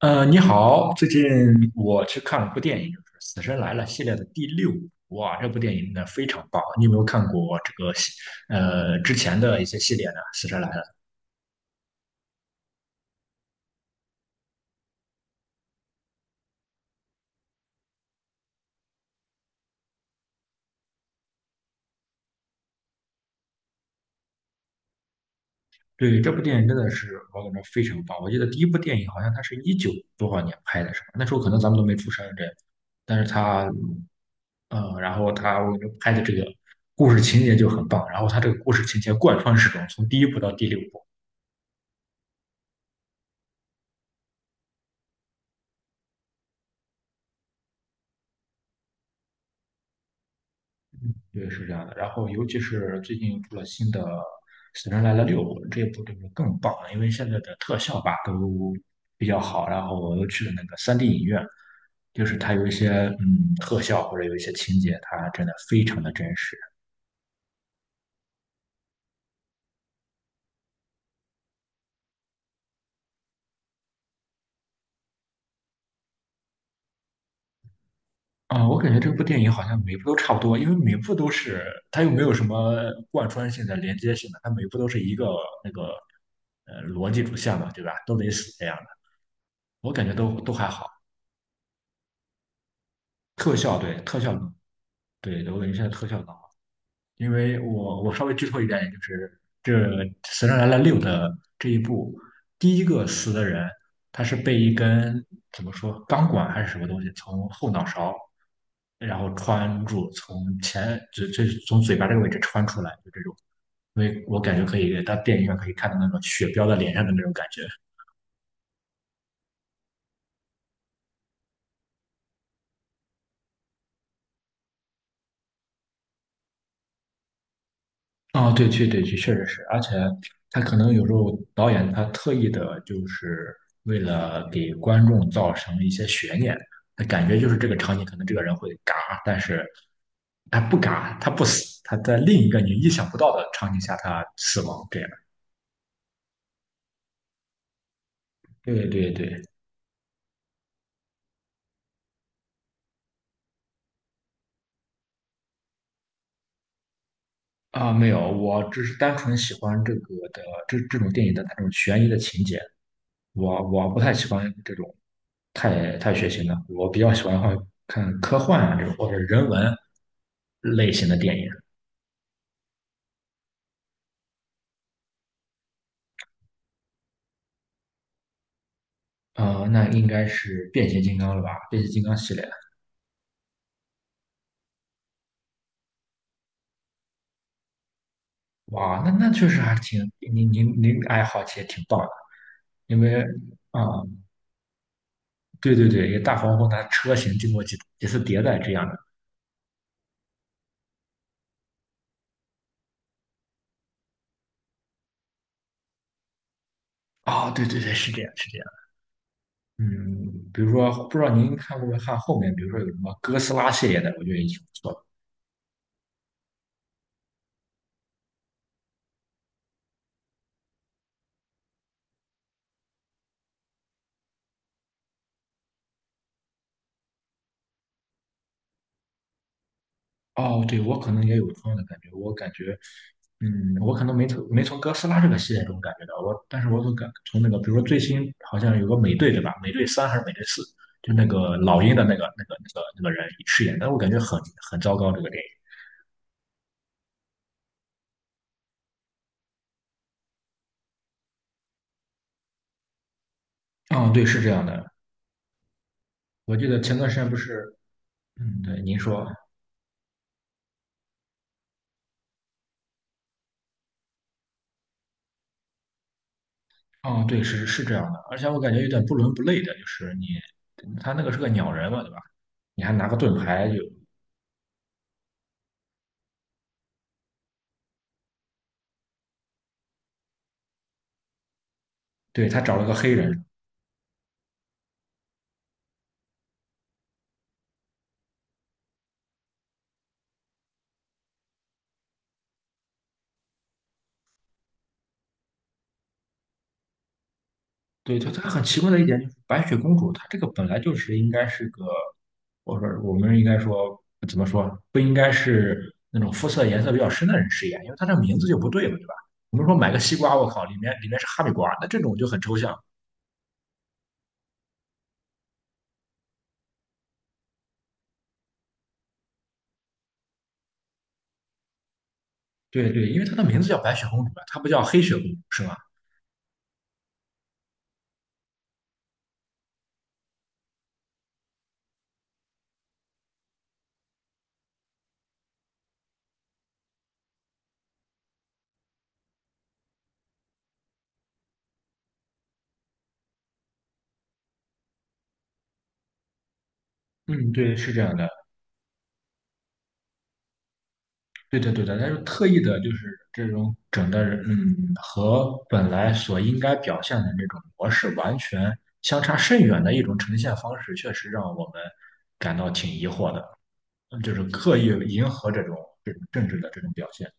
你好，最近我去看了部电影，就是《死神来了》系列的第六部。哇，这部电影呢非常棒！你有没有看过这个之前的一些系列呢？《死神来了》对这部电影真的是我感觉非常棒。我记得第一部电影好像它是一九多少年拍的，是吧？那时候可能咱们都没出生这样，但是然后他我觉得拍的这个故事情节就很棒，然后他这个故事情节贯穿始终，从第一部到第六部。对，是这样的。然后，尤其是最近出了新的《死神来了六》，这部就是更棒了，因为现在的特效吧都比较好。然后我又去了那个 3D 影院，就是它有一些特效或者有一些情节，它真的非常的真实。我感觉这部电影好像每部都差不多，因为每部都是它又没有什么贯穿性的、连接性的，它每部都是一个那个逻辑主线嘛，对吧？都得死这样的，我感觉都还好。特效对特效对，我感觉现在特效更好，因为我稍微剧透一点，就是这《死神来了六》的这一部，第一个死的人，他是被一根怎么说钢管还是什么东西从后脑勺，然后穿住，从前从嘴巴这个位置穿出来，就这种，因为我感觉可以到电影院可以看到那种血飙在脸上的那种感觉。啊，对去，对去，确实是，而且他可能有时候导演他特意的，就是为了给观众造成一些悬念，他感觉就是这个场景可能这个人会嘎，但是他不嘎，他不死，他在另一个你意想不到的场景下他死亡，这样。对对对，啊，没有，我只是单纯喜欢这个的这这种电影的它这种悬疑的情节，我不太喜欢这种太血腥了。我比较喜欢看科幻啊这种或者人文类型的电影。啊，那应该是变形金刚了吧？变形金刚系列。哇，那确实还挺，您爱好其实挺棒的，因为啊、对对对，一个大黄蜂它车型经过几次迭代这样的。啊，对对对，是这样，是这样。嗯，比如说，不知道您看过没看后面，比如说有什么哥斯拉系列的，我觉得也挺不错的。哦，对，我可能也有同样的感觉，我感觉，嗯，我可能没从哥斯拉这个系列中感觉到，我，但是我都感从那个，比如说最新好像有个美队对吧？美队三还是美队四？就那个老鹰的那个人饰演的，我感觉很很糟糕这个电影。嗯，对，是这样的，我记得前段时间不是，嗯，对，您说，哦，对，是是这样的，而且我感觉有点不伦不类的，就是你他那个是个鸟人嘛，对吧？你还拿个盾牌，就，对，他找了个黑人。对，它很奇怪的一点就是白雪公主，她这个本来就是应该是个，我说我们应该说怎么说，不应该是那种肤色颜色比较深的人饰演，因为她这名字就不对嘛，对吧？我们说买个西瓜，我靠，里面是哈密瓜，那这种就很抽象。对对，因为她的名字叫白雪公主啊，她不叫黑雪公主，是吗？嗯，对，是这样的。对的，对的，他是特意的，就是这种整的人，嗯，和本来所应该表现的那种模式完全相差甚远的一种呈现方式，确实让我们感到挺疑惑的，嗯就是刻意迎合这种政治的这种表现。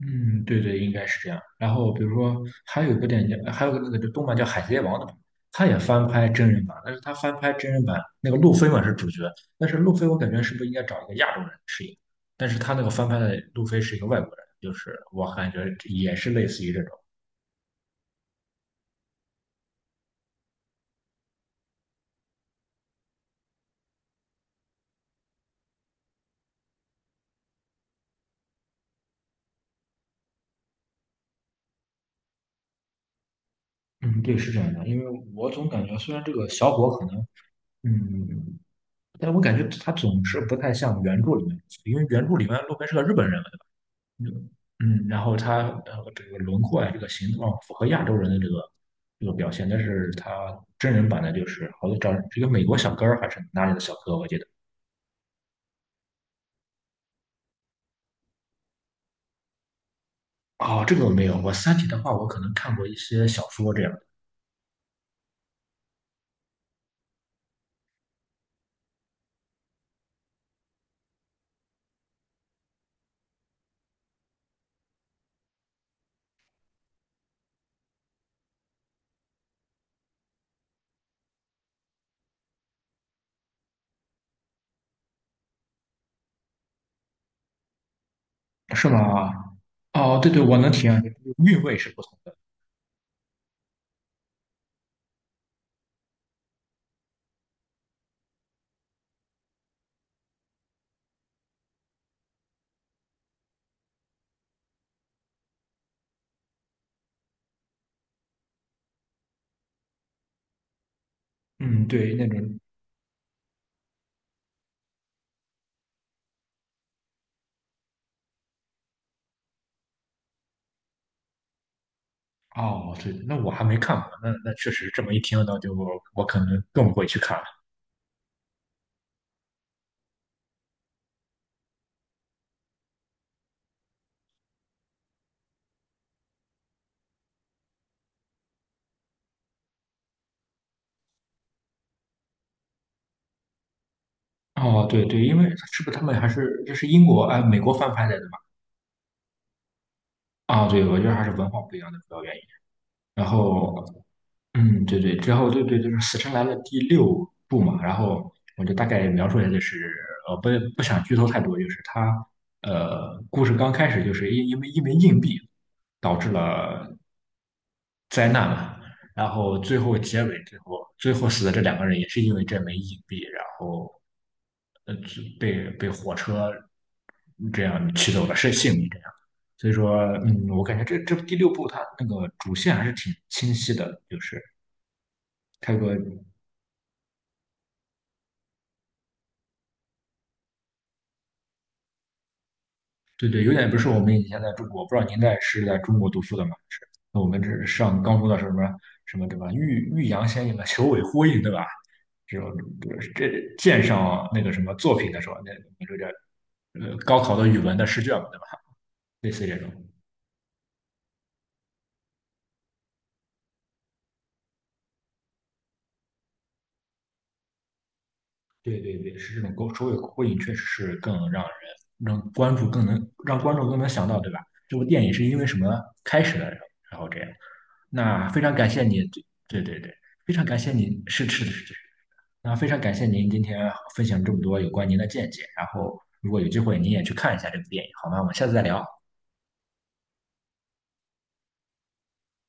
嗯，对对，应该是这样。然后比如说，还有一个电影叫，还有个那个动漫叫《海贼王》的，他也翻拍真人版，但是他翻拍真人版那个路飞嘛是主角，但是路飞我感觉是不是应该找一个亚洲人饰演？但是他那个翻拍的路飞是一个外国人，就是我感觉也是类似于这种。嗯，对，是这样的，因为我总感觉虽然这个小伙可能，嗯，嗯嗯但我感觉他总是不太像原著里面，因为原著里面路飞是个日本人。嗯，嗯，然后他这个轮廓啊，这个形状符合亚洲人的这个表现，但是他真人版的就是好像找这个美国小哥儿还是哪里的小哥，我记得。哦，这个我没有，我《三体》的话，我可能看过一些小说这样的，是吗？哦，对对，我能体验，韵味是不同的。嗯，对，那种。哦，对，那我还没看过，那那确实这么一听呢，就我可能更不会去看了。哦，对对，因为是不是他们还是这是英国哎美国翻拍的啊，对，我觉得还是文化不一样的主要原因。然后，嗯，对对，之后对对，就是《死神来了》第六部嘛。然后我就大概描述一下，就是呃，不不想剧透太多，就是他故事刚开始就是因为一枚硬币导致了灾难嘛。然后最后结尾最后死的这两个人也是因为这枚硬币，然后就被火车这样取走了是性命这样。所以说，嗯，我感觉这第六部它那个主线还是挺清晰的，就是它有个对对，有点不是我们以前在中国，不知道您在是在中国读书的吗？是，那我们这是上高中的什么什么对吧？欲扬先抑嘛，求尾呼应对吧？这种这鉴赏那个什么作品的时候，那这个高考的语文的试卷嘛，对吧？类似这种，对对对，是这种勾首尾呼应，确实是更让关注更能让观众更能想到，对吧？这部电影是因为什么开始的，然后这样。那非常感谢你，对对对，非常感谢你，是是是那非常感谢您今天分享这么多有关您的见解，然后如果有机会您也去看一下这部电影，好吗？我们下次再聊。